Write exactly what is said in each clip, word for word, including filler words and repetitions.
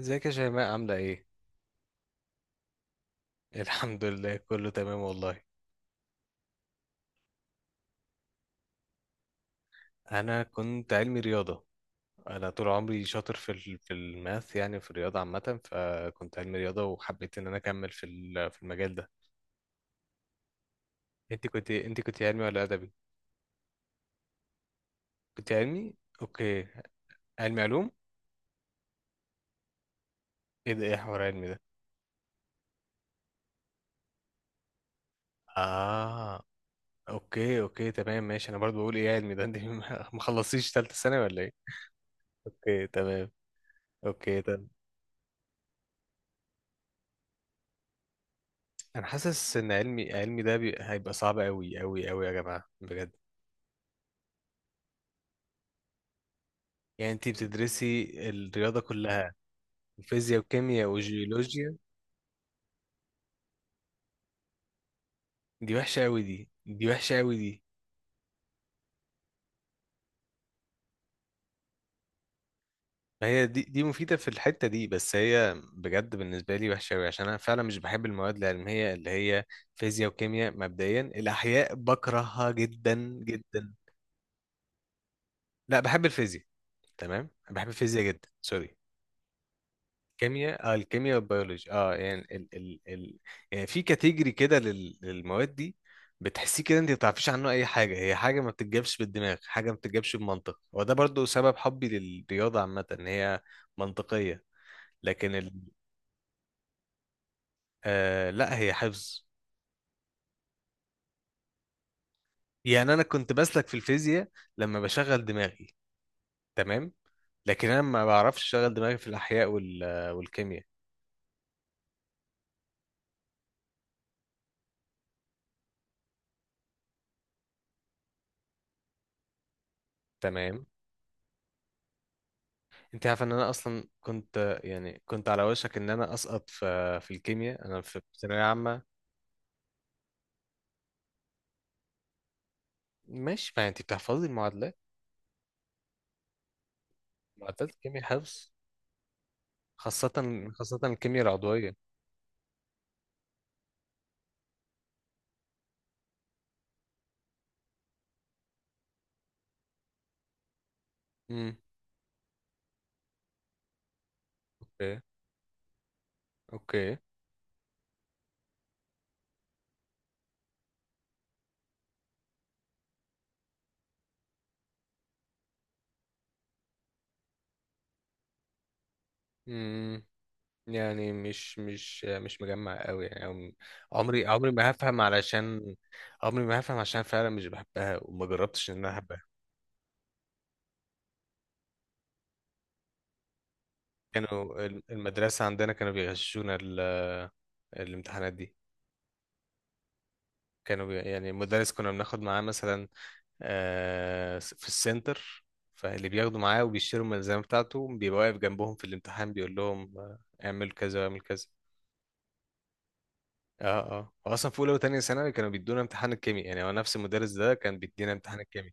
ازيك يا شيماء عاملة ايه؟ الحمد لله كله تمام والله. انا كنت علمي رياضة. انا طول عمري شاطر في ال- في الماث، يعني في الرياضة عامة، فكنت علمي رياضة وحبيت ان انا اكمل في ال- في المجال ده. انت كنت انت كنت علمي ولا ادبي؟ كنت علمي؟ اوكي. علمي علوم؟ ايه ده ايه حوار علمي ده؟ اه، اوكي اوكي تمام ماشي. انا برضو بقول ايه علمي ده انت؟ ما ما خلصتيش تالتة ثانوي ولا ايه؟ اوكي تمام اوكي. انا حاسس ان علمي علمي ده بي... هيبقى صعب قوي قوي قوي يا جماعه بجد. يعني انت بتدرسي الرياضه كلها، فيزياء وكيمياء وجيولوجيا؟ دي وحشه قوي دي دي وحشه قوي دي. ما هي دي دي مفيده في الحته دي، بس هي بجد بالنسبه لي وحشه قوي، عشان انا فعلا مش بحب المواد العلميه اللي هي فيزياء وكيمياء. مبدئيا الاحياء بكرهها جدا جدا. لا بحب الفيزياء. تمام بحب الفيزياء جدا، سوري. كيمياء، اه الكيمياء والبيولوجي، اه يعني ال ال ال يعني في كاتيجري كده لل- للمواد دي. بتحسيه كده، انت ما بتعرفيش عنه اي حاجه، هي حاجه ما بتتجابش بالدماغ، حاجه ما بتتجابش بمنطق، وده برضو سبب حبي للرياضه عامه، ان هي منطقيه. لكن ال آه لا، هي حفظ. يعني انا كنت بسلك في الفيزياء لما بشغل دماغي، تمام، لكن انا ما بعرفش اشغل دماغي في الاحياء وال- والكيمياء. تمام. انت عارف ان انا اصلا كنت، يعني كنت على وشك ان انا اسقط في في الكيمياء انا في ثانويه عامه. ماشي، ما انت بتحفظي المعادلات. معادلات الكيمياء حفظ، خاصه خاصه الكيمياء العضويه. امم. اوكي اوكي. امم يعني مش مش مش مجمع قوي يعني أو- عمري عمري ما هفهم، علشان عمري ما هفهم عشان فعلا مش بحبها وما جربتش ان انا احبها. كانوا ال- المدرسه عندنا كانوا بيغششونا ال- الامتحانات دي. كانوا بي... يعني المدرس كنا بناخد معاه مثلا آه، في السنتر. فاللي بياخدوا معاه وبيشتروا الملزمة بتاعته بيبقى واقف جنبهم في الامتحان بيقول لهم آه، اعمل كذا واعمل كذا. اه اه، هو اصلا في اولى وتانية ثانوي كانوا بيدونا امتحان الكيمياء، يعني هو نفس المدرس ده كان بيدينا امتحان الكيمياء.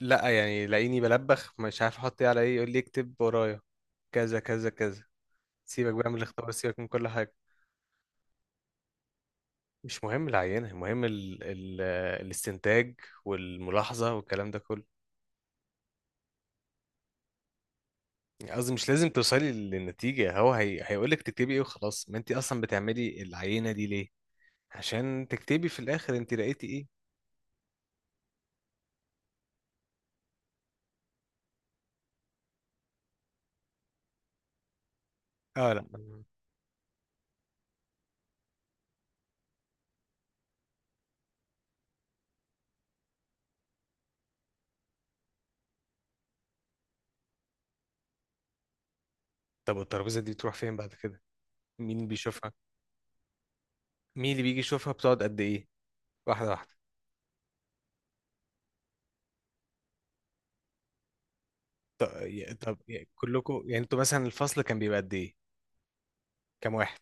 لا يعني لاقيني بلبخ مش عارف احط ايه على ايه، يقول لي اكتب ورايا كذا كذا كذا. سيبك بقى من الاختبار، سيبك من كل حاجة. مش مهم العينة، المهم ال ال الاستنتاج والملاحظة والكلام ده كله. قصدي مش لازم توصلي للنتيجة، هو هي... هيقولك تكتبي ايه وخلاص. ما انت اصلا بتعملي العينة دي ليه؟ عشان تكتبي في الاخر انت لقيتي ايه. اه لا. طب والترابيزة دي بتروح فين بعد كده؟ مين بيشوفها؟ مين اللي بيجي يشوفها؟ بتقعد قد ايه؟ واحدة واحدة. طب, يا- طب يا- كلكم يعني، انتوا مثلا الفصل كان بيبقى قد ايه؟ كام واحد؟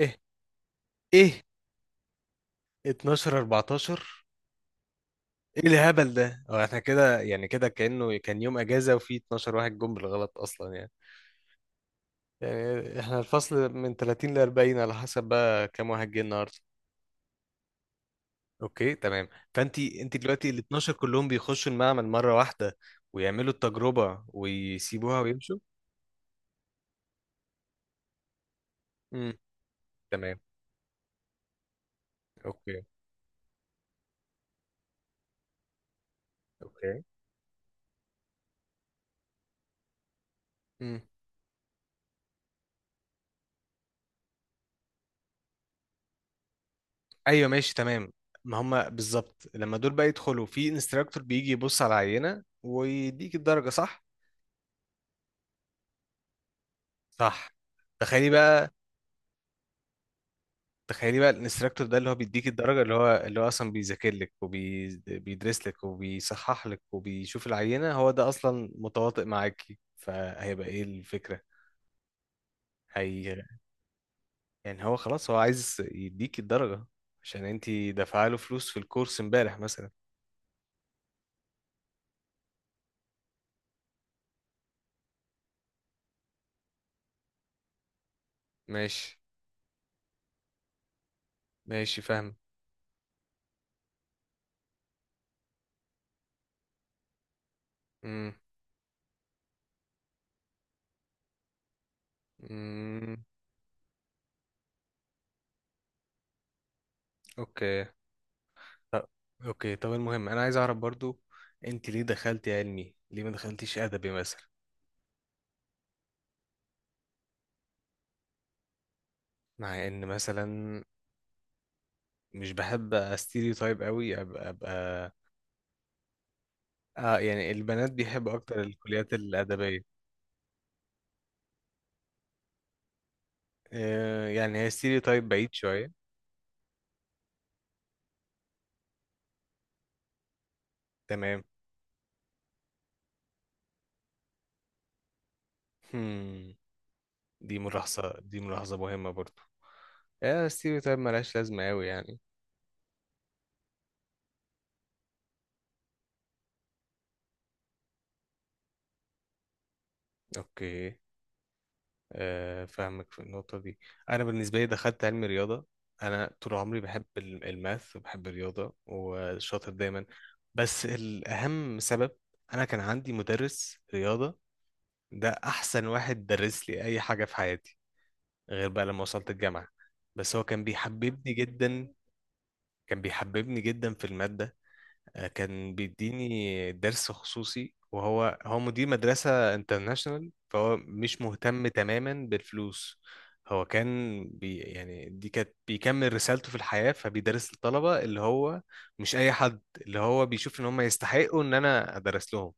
ايه ايه اتناشر اربعتاشر؟ ايه الهبل ده؟ هو احنا كده يعني كده كأنه كان يوم اجازة وفي اتناشر واحد جم بالغلط اصلا يعني. يعني احنا الفصل من تلاتين ل اربعين على حسب بقى كام واحد جه النهارده. اوكي تمام. فانت انت دلوقتي ال اثنا عشر كلهم بيخشوا المعمل مره واحده ويعملوا التجربه ويسيبوها ويمشوا؟ امم. تمام. اوكي اوكي. امم. ايوه ماشي تمام. ما هم بالظبط، لما دول بقى يدخلوا في انستراكتور بيجي يبص على العينه ويديك الدرجه، صح؟ صح. تخيلي بقى تخيلي بقى الانستراكتور ده اللي هو بيديك الدرجة، اللي هو اللي هو أصلا بيذاكر لك وبيدرس لك وبيصحح لك وبيشوف العينة، هو ده أصلا متواطئ معاكي، فهيبقى إيه الفكرة؟ هي يعني هو خلاص هو عايز يديك الدرجة عشان انتي دافعة له فلوس في الكورس امبارح مثلا. ماشي ماشي فاهم. امم امم. اوكي طب اوكي طب المهم انا عايز اعرف برضو، انت ليه دخلتي علمي؟ ليه ما دخلتيش ادبي مثلا؟ مع ان مثلا مش بحب استيريو تايب قوي، ابقى ابقى. اه يعني البنات بيحبوا اكتر الكليات الادبيه. آه يعني هي ستيريو تايب بعيد شويه. تمام. هم. دي ملاحظه دي ملاحظه مهمه برضو. آه، ستيريو تايب ملهاش لازمه قوي يعني. اوكي. آه فاهمك في النقطه دي. انا بالنسبه لي دخلت علم رياضه. انا طول عمري بحب ال- الماث وبحب الرياضه وشاطر دايما. بس الاهم سبب، انا كان عندي مدرس رياضه، ده احسن واحد درس لي اي حاجه في حياتي غير بقى لما وصلت الجامعه. بس هو كان بيحببني جدا، كان بيحببني جدا في الماده. آه، كان بيديني درس خصوصي، وهو هو مدير مدرسه انترناشونال، فهو مش مهتم تماما بالفلوس. هو كان بي يعني دي كانت بيكمل رسالته في الحياه، فبيدرس الطلبه اللي هو مش اي حد، اللي هو بيشوف ان هم يستحقوا ان انا ادرس لهم.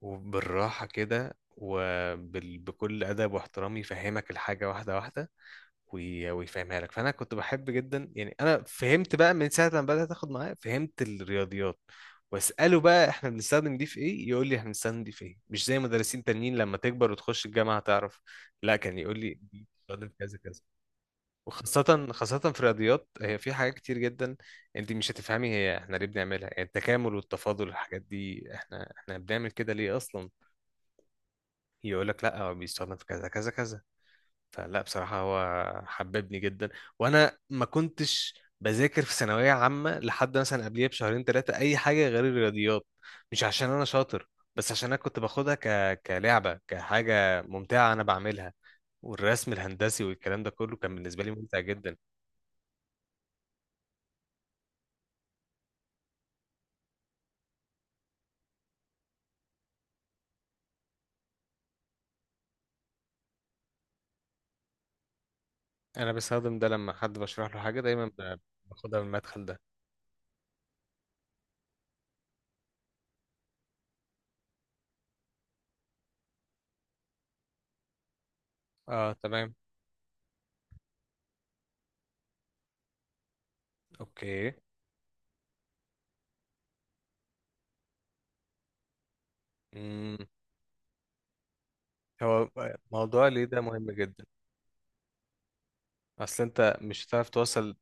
وبالراحة كده وبكل أدب واحترام يفهمك الحاجة واحدة واحدة، وي- ويفهمها لك. فأنا كنت بحب جدا، يعني أنا فهمت بقى من ساعة لما بدأت أخد معاه فهمت الرياضيات. وأسأله بقى إحنا بنستخدم دي في إيه؟ يقول لي إحنا بنستخدم دي في إيه، مش زي مدرسين تانيين لما تكبر وتخش الجامعة هتعرف. لا كان يقول لي دي بتستخدم في كذا كذا. وخاصة خاصة في الرياضيات، هي في حاجات كتير جدا انت مش هتفهمي هي احنا ليه بنعملها، يعني التكامل والتفاضل الحاجات دي احنا احنا بنعمل كده ليه اصلا؟ يقول لك لا هو بيستخدم في كذا كذا كذا. فلا بصراحة هو حببني جدا. وانا ما كنتش بذاكر في ثانوية عامة لحد مثلا قبليها بشهرين ثلاثة اي حاجة غير الرياضيات. مش عشان انا شاطر، بس عشان انا كنت باخدها ك... كلعبة، كحاجة ممتعة انا بعملها. والرسم الهندسي والكلام ده كله كان بالنسبة لي ممتع جدا. انا بستخدم ده لما حد بشرح له حاجة دايما ب- باخدها من المدخل ده. اه تمام. اوكي. امم هو موضوع ليه ده مهم جدا. اصل انت مش هتعرف توصل،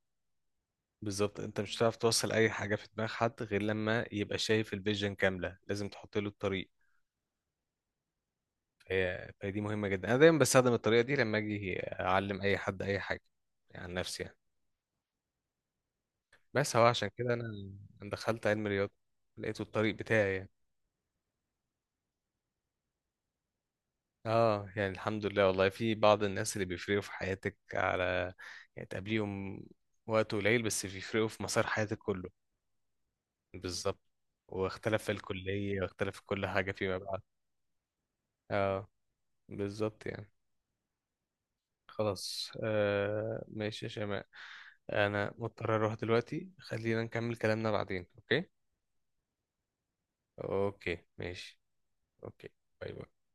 بالظبط انت مش هتعرف توصل اي حاجه في دماغ حد غير لما يبقى شايف الفيجن كامله، لازم تحط له الطريق. فهي فهي دي مهمه جدا. انا دايما بستخدم الطريقه دي لما اجي اعلم اي حد اي حاجه، يعني عن نفسي يعني. بس هو عشان كده انا أنا دخلت علم الرياضه لقيته الطريق بتاعي يعني. اه يعني الحمد لله والله، في بعض الناس اللي بيفرقوا في حياتك، على يعني تقابليهم وقت قليل بس بيفرقوا في مسار حياتك كله. بالظبط. واختلف في الكلية واختلف في كل حاجة فيما بعد. اه بالظبط يعني. خلاص، آه ماشي يا شيماء، انا مضطر اروح دلوقتي، خلينا نكمل كلامنا بعدين، اوكي. اوكي ماشي. اوكي. باي باي.